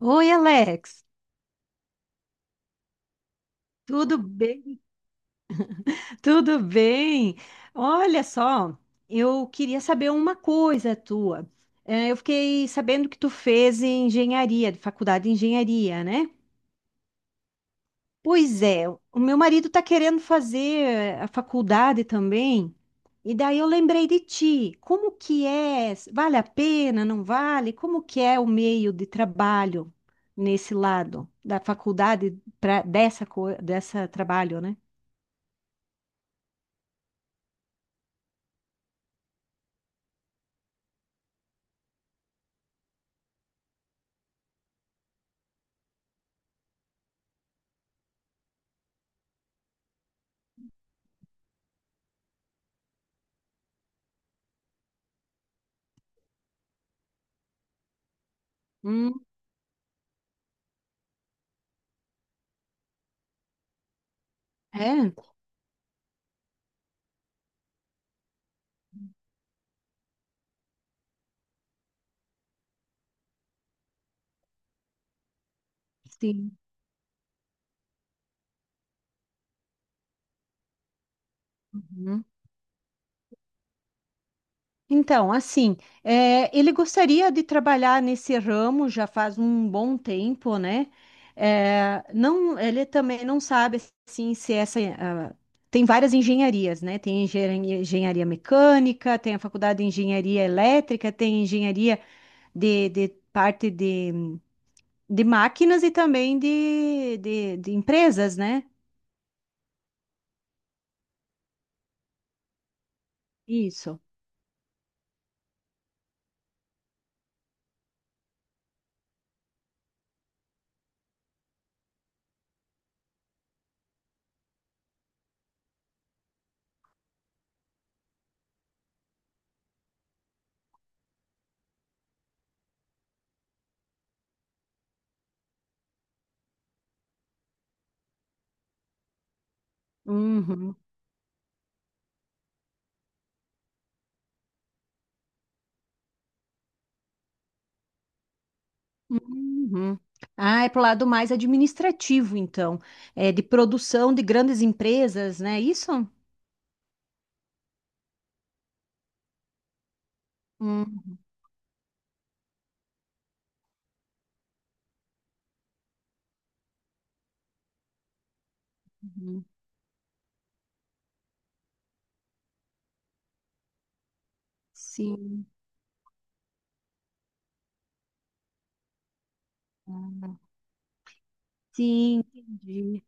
Oi, Alex, tudo bem? Tudo bem? Olha só, eu queria saber uma coisa tua. Eu fiquei sabendo que tu fez engenharia, faculdade de engenharia, né? Pois é, o meu marido está querendo fazer a faculdade também, e daí eu lembrei de ti. Como que é? Vale a pena? Não vale? Como que é o meio de trabalho nesse lado da faculdade para dessa trabalho, né? É, sim. Uhum. Então, assim, é, ele gostaria de trabalhar nesse ramo já faz um bom tempo, né? É, não, ele também não sabe assim se essa ah, tem várias engenharias, né? Tem engenharia, engenharia mecânica, tem a faculdade de engenharia elétrica, tem engenharia de parte de máquinas e também de empresas, né? Isso. Uhum. Uhum. Ah, é pro lado mais administrativo, então. É de produção de grandes empresas, né? É isso? Uhum. Sim. Ah, sim, entendi.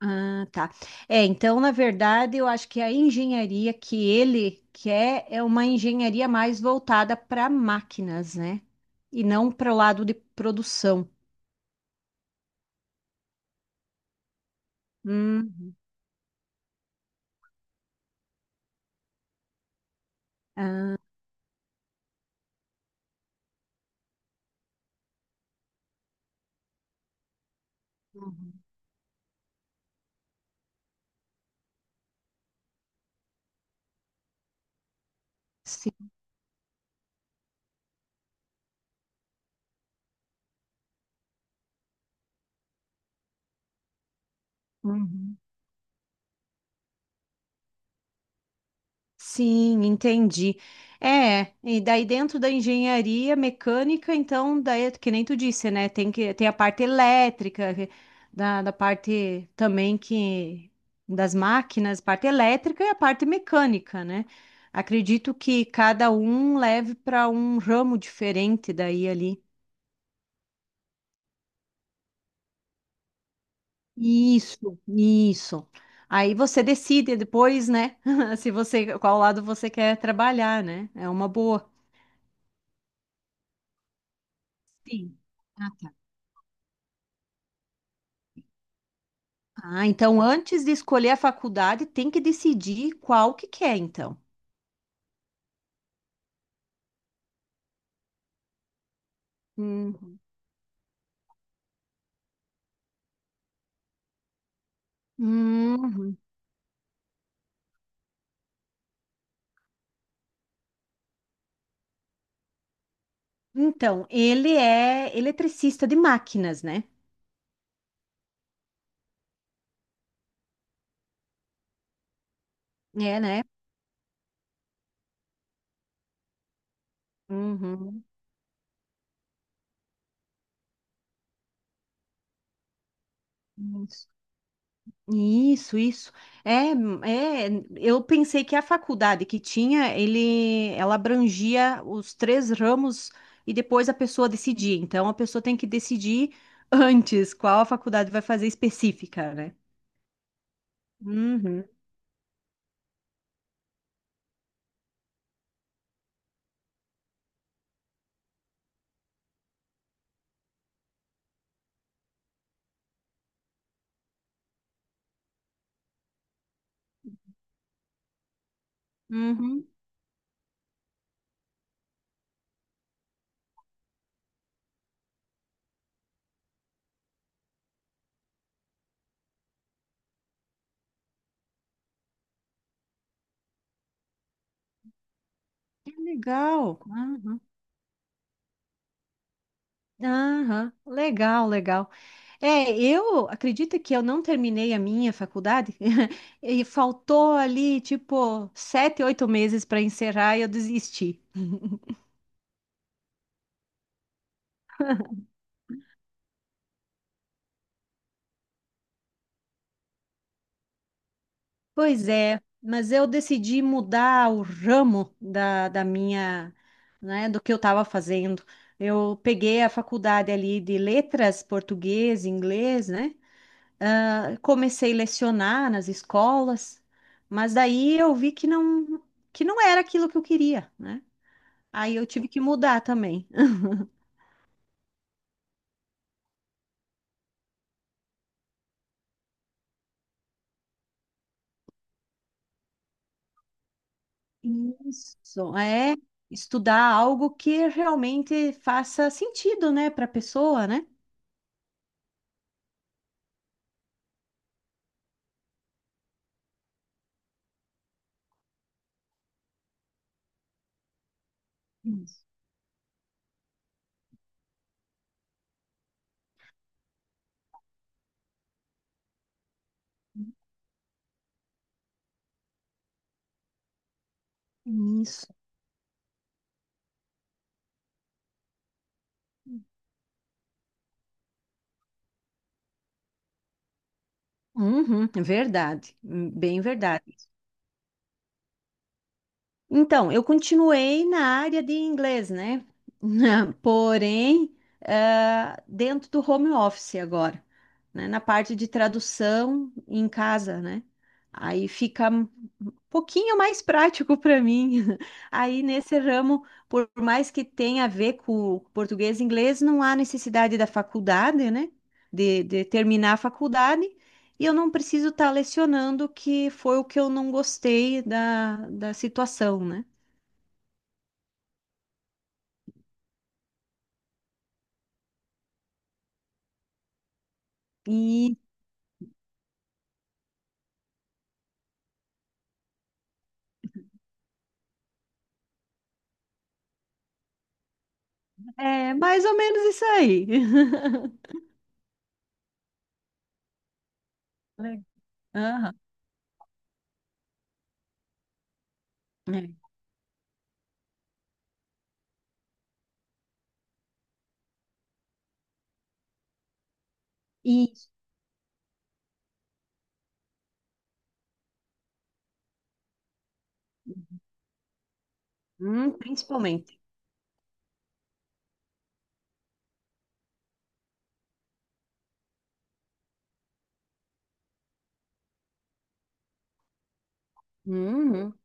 Ah, tá. É, então, na verdade, eu acho que a engenharia que ele quer é uma engenharia mais voltada para máquinas, né? E não para o lado de produção. Uhum. Sim. Uhum. Sim, entendi. É, e daí dentro da engenharia mecânica, então, daí, que nem tu disse, né? Tem a parte elétrica, da parte também que das máquinas, parte elétrica e a parte mecânica, né? Acredito que cada um leve para um ramo diferente daí ali. Isso, isso. Aí você decide depois, né? Se você, qual lado você quer trabalhar, né? É uma boa. Sim. Ah, então antes de escolher a faculdade, tem que decidir qual que quer, então. Hum. Uhum. Então, ele é eletricista de máquinas, né? É, né? Uhum. Isso. Isso, isso. É, é, eu pensei que a faculdade que tinha, ele, ela abrangia os três ramos e depois a pessoa decidia. Então, a pessoa tem que decidir antes qual a faculdade vai fazer específica, né? Uhum, uhum. Que legal. Aham, aham. Legal, legal. É, eu acredito que eu não terminei a minha faculdade e faltou ali, tipo, 7, 8 meses para encerrar e eu desisti. Pois é, mas eu decidi mudar o ramo da minha, né, do que eu estava fazendo. Eu peguei a faculdade ali de letras, português, inglês, né? Ah, comecei a lecionar nas escolas, mas daí eu vi que não era aquilo que eu queria, né? Aí eu tive que mudar também. Isso, é estudar algo que realmente faça sentido, né, para a pessoa, né? Isso. Isso. Uhum, verdade, bem verdade. Então, eu continuei na área de inglês, né? Porém, ah, dentro do home office agora, né? Na parte de tradução em casa, né? Aí fica um pouquinho mais prático para mim. Aí nesse ramo, por mais que tenha a ver com português e inglês, não há necessidade da faculdade, né? De terminar a faculdade. E eu não preciso estar lecionando, que foi o que eu não gostei da situação, né? E é mais ou menos isso aí. Le- Aham. É. Isso. Principalmente. Uhum.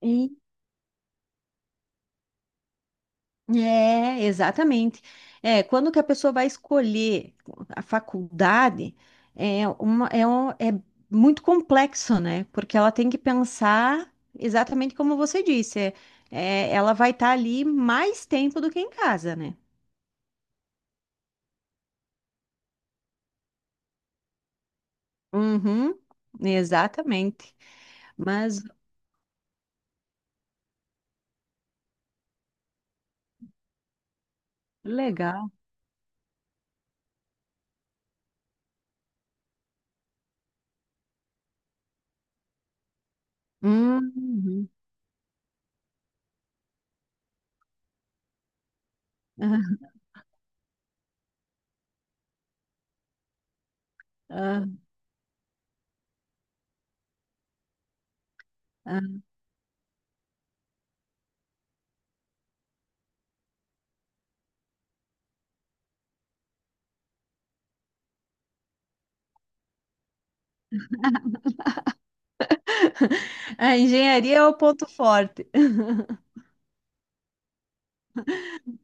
E, é, exatamente. É, quando que a pessoa vai escolher a faculdade, é muito complexo, né? Porque ela tem que pensar exatamente como você disse. É, é, ela vai estar ali mais tempo do que em casa, né? Uhum, exatamente. Mas legal. Uhum. Ah, ah. Ah. A engenharia é o ponto forte.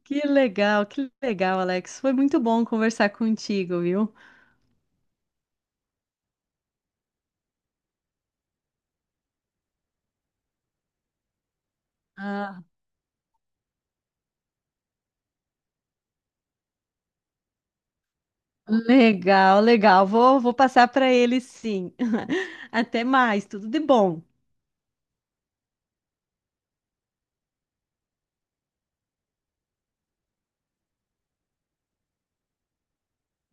Que legal, Alex. Foi muito bom conversar contigo, viu? Ah, legal, legal. Vou, vou passar para ele, sim. Até mais, tudo de bom.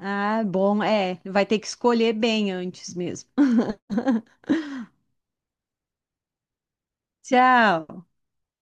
Ah, bom, é. Vai ter que escolher bem antes mesmo. Tchau.